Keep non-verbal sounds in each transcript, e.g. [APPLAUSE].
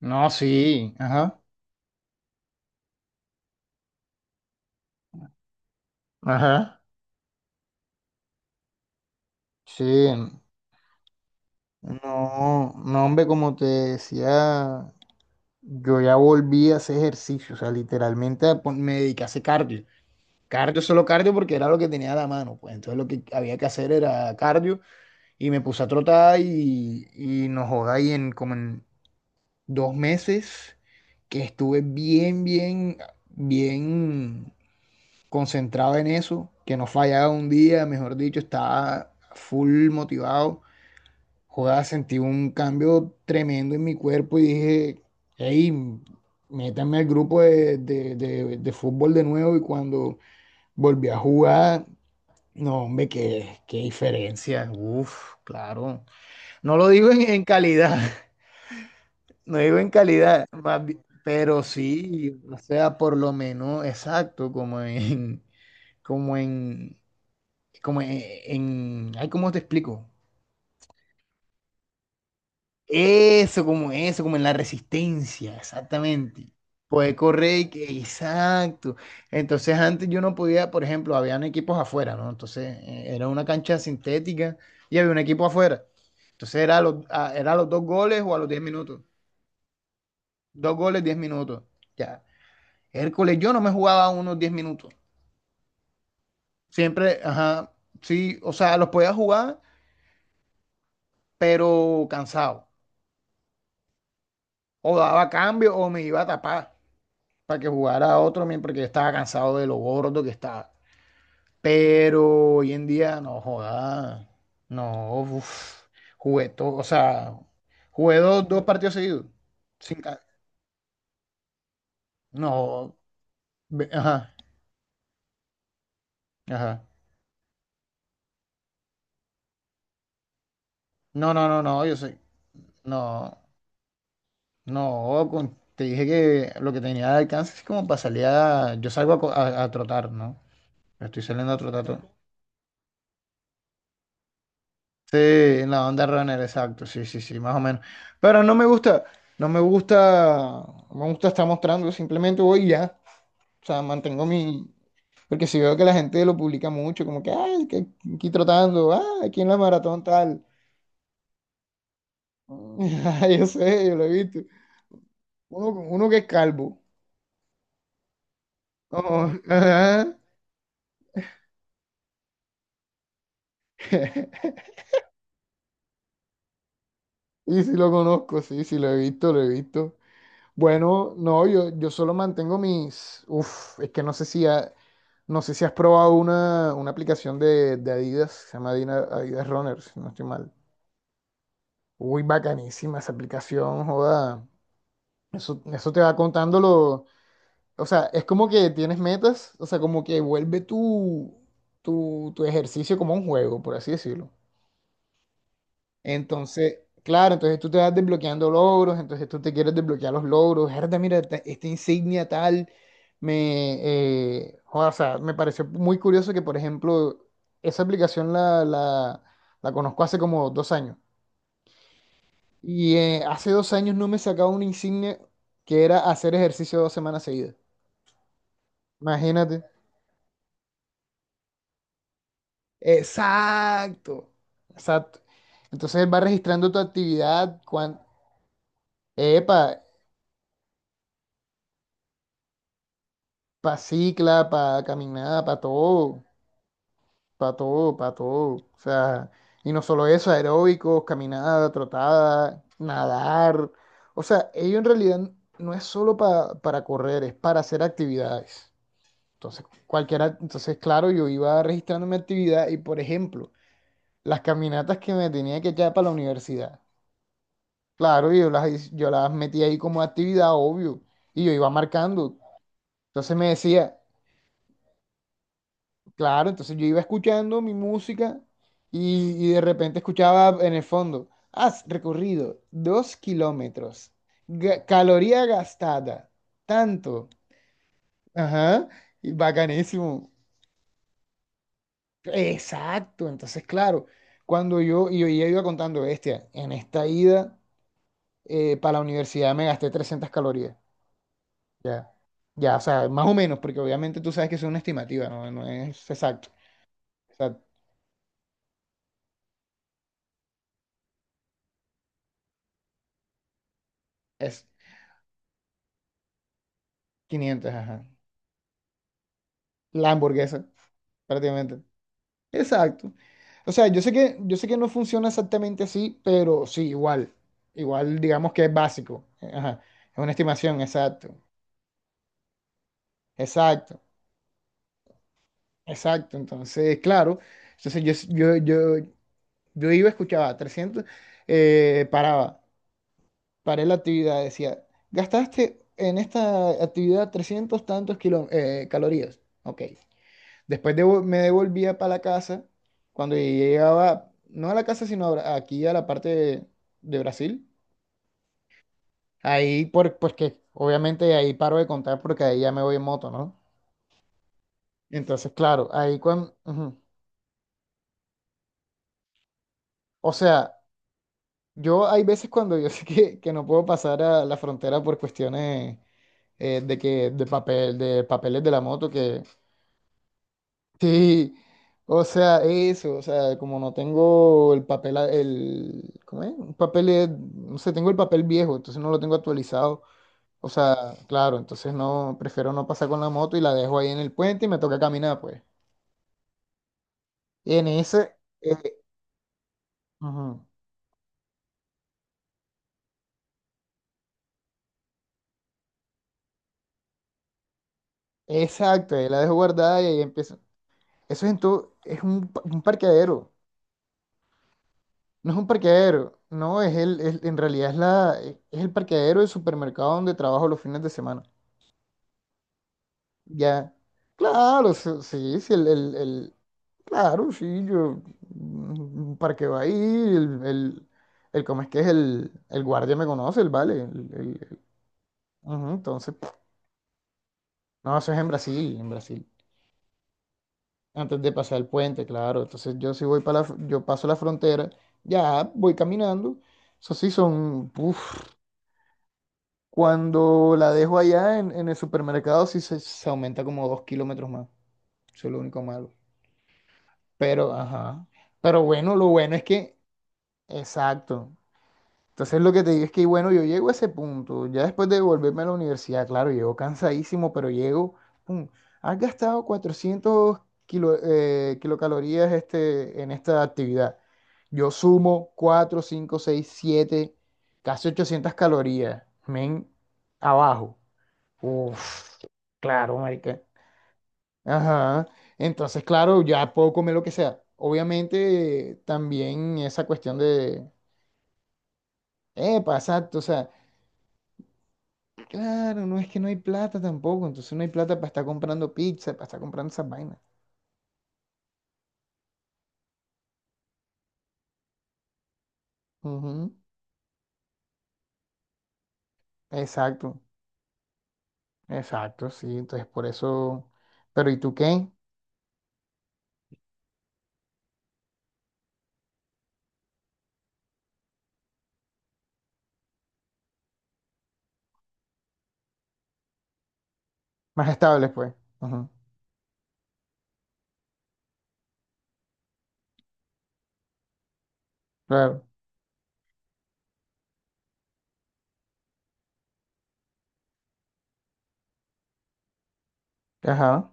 No, sí, ajá, ajá, sí, no, no, hombre, como te decía, yo ya volví a hacer ejercicio, o sea, literalmente me dediqué a hacer cardio, cardio, solo cardio porque era lo que tenía a la mano, pues entonces lo que había que hacer era cardio y me puse a trotar y no joda, y en como en 2 meses que estuve bien, bien, bien, concentrado en eso, que no fallaba un día, mejor dicho, estaba full motivado. Joder, sentí un cambio tremendo en mi cuerpo y dije, hey, métanme al grupo de fútbol de nuevo y cuando volví a jugar, no, hombre, qué diferencia. Uf, claro. No lo digo en calidad, [LAUGHS] no digo en calidad, pero sí, o sea, por lo menos, exacto, como en, como en, ay, ¿cómo te explico? Eso, como en la resistencia, exactamente. Poeco Rey, exacto. Entonces antes yo no podía, por ejemplo, habían equipos afuera, ¿no? Entonces era una cancha sintética y había un equipo afuera. Entonces era a los 2 goles o a los 10 minutos. Dos goles, 10 minutos. Ya. Hércules, yo no me jugaba unos 10 minutos. Siempre, ajá, sí, o sea, los podía jugar, pero cansado. O daba cambio o me iba a tapar. Para que jugara otro, men, porque yo estaba cansado de lo gordo que estaba. Pero hoy en día, no joda, no, uf, jugué todo, o sea, jugué dos partidos seguidos. Sin ca- no, ajá, ajá. No, no, no, no, yo sé, no, no, te dije que lo que tenía de alcance es como para salir a, yo salgo a, a trotar, ¿no? Estoy saliendo a trotar. Sí, en la onda runner, exacto, sí, sí, sí, más o menos. Pero no me gusta, no me gusta, no me gusta estar mostrando, simplemente voy y ya. O sea, mantengo mi. Porque si veo que la gente lo publica mucho, como que, ay, que aquí trotando, ah, aquí en la maratón tal. [LAUGHS] Ay, yo sé, yo lo he visto. Uno que es calvo. Oh, ajá. [LAUGHS] Y si lo conozco, sí, sí, lo he visto, lo he visto. Bueno, no, yo solo mantengo mis. Uf, es que no sé si, no sé si has probado una aplicación de Adidas, se llama Adidas Runner, si no estoy mal. Uy, bacanísima esa aplicación, joda. Eso te va contando lo. O sea, es como que tienes metas, o sea, como que vuelve tu ejercicio como un juego, por así decirlo. Entonces, claro, entonces tú te vas desbloqueando logros, entonces tú te quieres desbloquear los logros. Herda, mira, te- esta insignia tal, me, joda, o sea, me pareció muy curioso que, por ejemplo, esa aplicación la conozco hace como 2 años. Y hace 2 años no me sacaba una insignia que era hacer ejercicio 2 semanas seguidas. Imagínate. Exacto. Exacto. Entonces él va registrando tu actividad, epa, para cicla, para caminada, para todo, para todo, para todo. O sea, y no solo eso, aeróbicos, caminada, trotada, nadar. O sea, ello en realidad no es solo para correr, es para hacer actividades. Entonces, cualquiera, entonces, claro, yo iba registrando mi actividad y, por ejemplo, las caminatas que me tenía que echar para la universidad. Claro, yo las metí ahí como actividad, obvio, y yo iba marcando. Entonces me decía, claro, entonces yo iba escuchando mi música y de repente escuchaba en el fondo, has recorrido 2 kilómetros, caloría gastada, tanto, ajá, y bacanísimo. Exacto, entonces claro, cuando yo, y yo ya iba contando, bestia, en esta ida para la universidad me gasté 300 calorías, ya, ya, o sea, más o menos, porque obviamente tú sabes que es una estimativa, no, no es exacto, exacto, es 500, ajá, la hamburguesa, prácticamente. Exacto. O sea, yo sé que no funciona exactamente así, pero sí, igual. Igual, digamos que es básico. Ajá. Es una estimación, exacto. Exacto, exacto. Entonces, claro. Entonces, yo iba, escuchaba 300 paraba, paré la actividad, decía, gastaste en esta actividad 300 tantos calorías. Ok. Después me devolvía para la casa. Cuando llegaba, no a la casa, sino a aquí a la parte de Brasil. Ahí, por, pues que obviamente ahí paro de contar porque ahí ya me voy en moto, ¿no? Entonces, claro, ahí cuando... O sea, yo hay veces cuando yo [LAUGHS] sé que no puedo pasar a la frontera por cuestiones de que de papel, de papeles de la moto, que sí, o sea, eso, o sea, como no tengo el papel, el, ¿cómo es? Un papel, no sé, tengo el papel viejo, entonces no lo tengo actualizado. O sea, claro, entonces no, prefiero no pasar con la moto y la dejo ahí en el puente y me toca caminar, pues. Y en ese, ujú, exacto, ahí la dejo guardada y ahí empiezo. Eso es en todo, es un, un parqueadero, no es un parqueadero, no, es el, en realidad es la, es el parqueadero del supermercado donde trabajo los fines de semana. Ya, claro, sí, sí, sí, el- claro, sí, yo, mm, para que va ahí, el, ¿cómo es que es? El guardia me conoce, el vale, el- ujú, entonces, no, eso es en Brasil, antes de pasar el puente, claro, entonces yo sí voy para yo paso la frontera, ya, voy caminando, eso sí son, uf, cuando la dejo allá en el supermercado, sí se aumenta como 2 kilómetros más, eso es lo único malo. Pero, ajá. Pero bueno, lo bueno es que, exacto. Entonces lo que te digo es que, bueno, yo llego a ese punto, ya después de volverme a la universidad, claro, llego cansadísimo, pero llego, pum, has gastado 400 kilocalorías este, en esta actividad. Yo sumo 4 5 6 7 casi 800 calorías, men, abajo. Uf, claro, marica. Ajá. Entonces, claro, ya puedo comer lo que sea. Obviamente, también esa cuestión de, epa, exacto, o sea, claro, no es que no hay plata tampoco, entonces no hay plata para estar comprando pizza, para estar comprando esas vainas. Ujú. Exacto, exacto, sí, entonces por eso, pero ¿y tú qué? Más estable, pues. Ujú. Claro, ajá.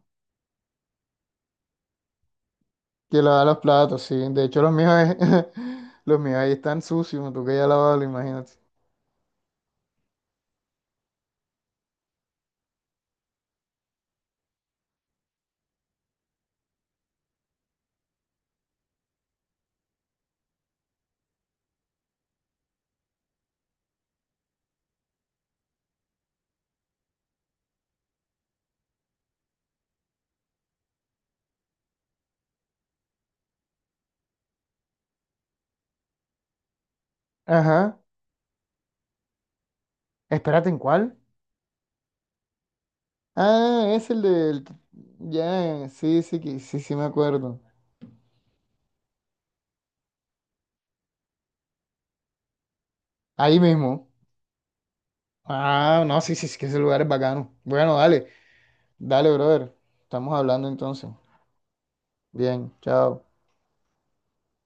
Que lava los platos, sí, de hecho los míos, es- [LAUGHS] los míos ahí están sucios, tú que ya lavado, imagínate. Ajá. Espérate, ¿en cuál? Ah, es el del... Ya, sí, sí, que- sí, sí, me acuerdo. Ahí mismo. Ah, no, sí, sí, sí, que ese lugar es bacano. Bueno, dale, dale, brother. Estamos hablando entonces. Bien, chao.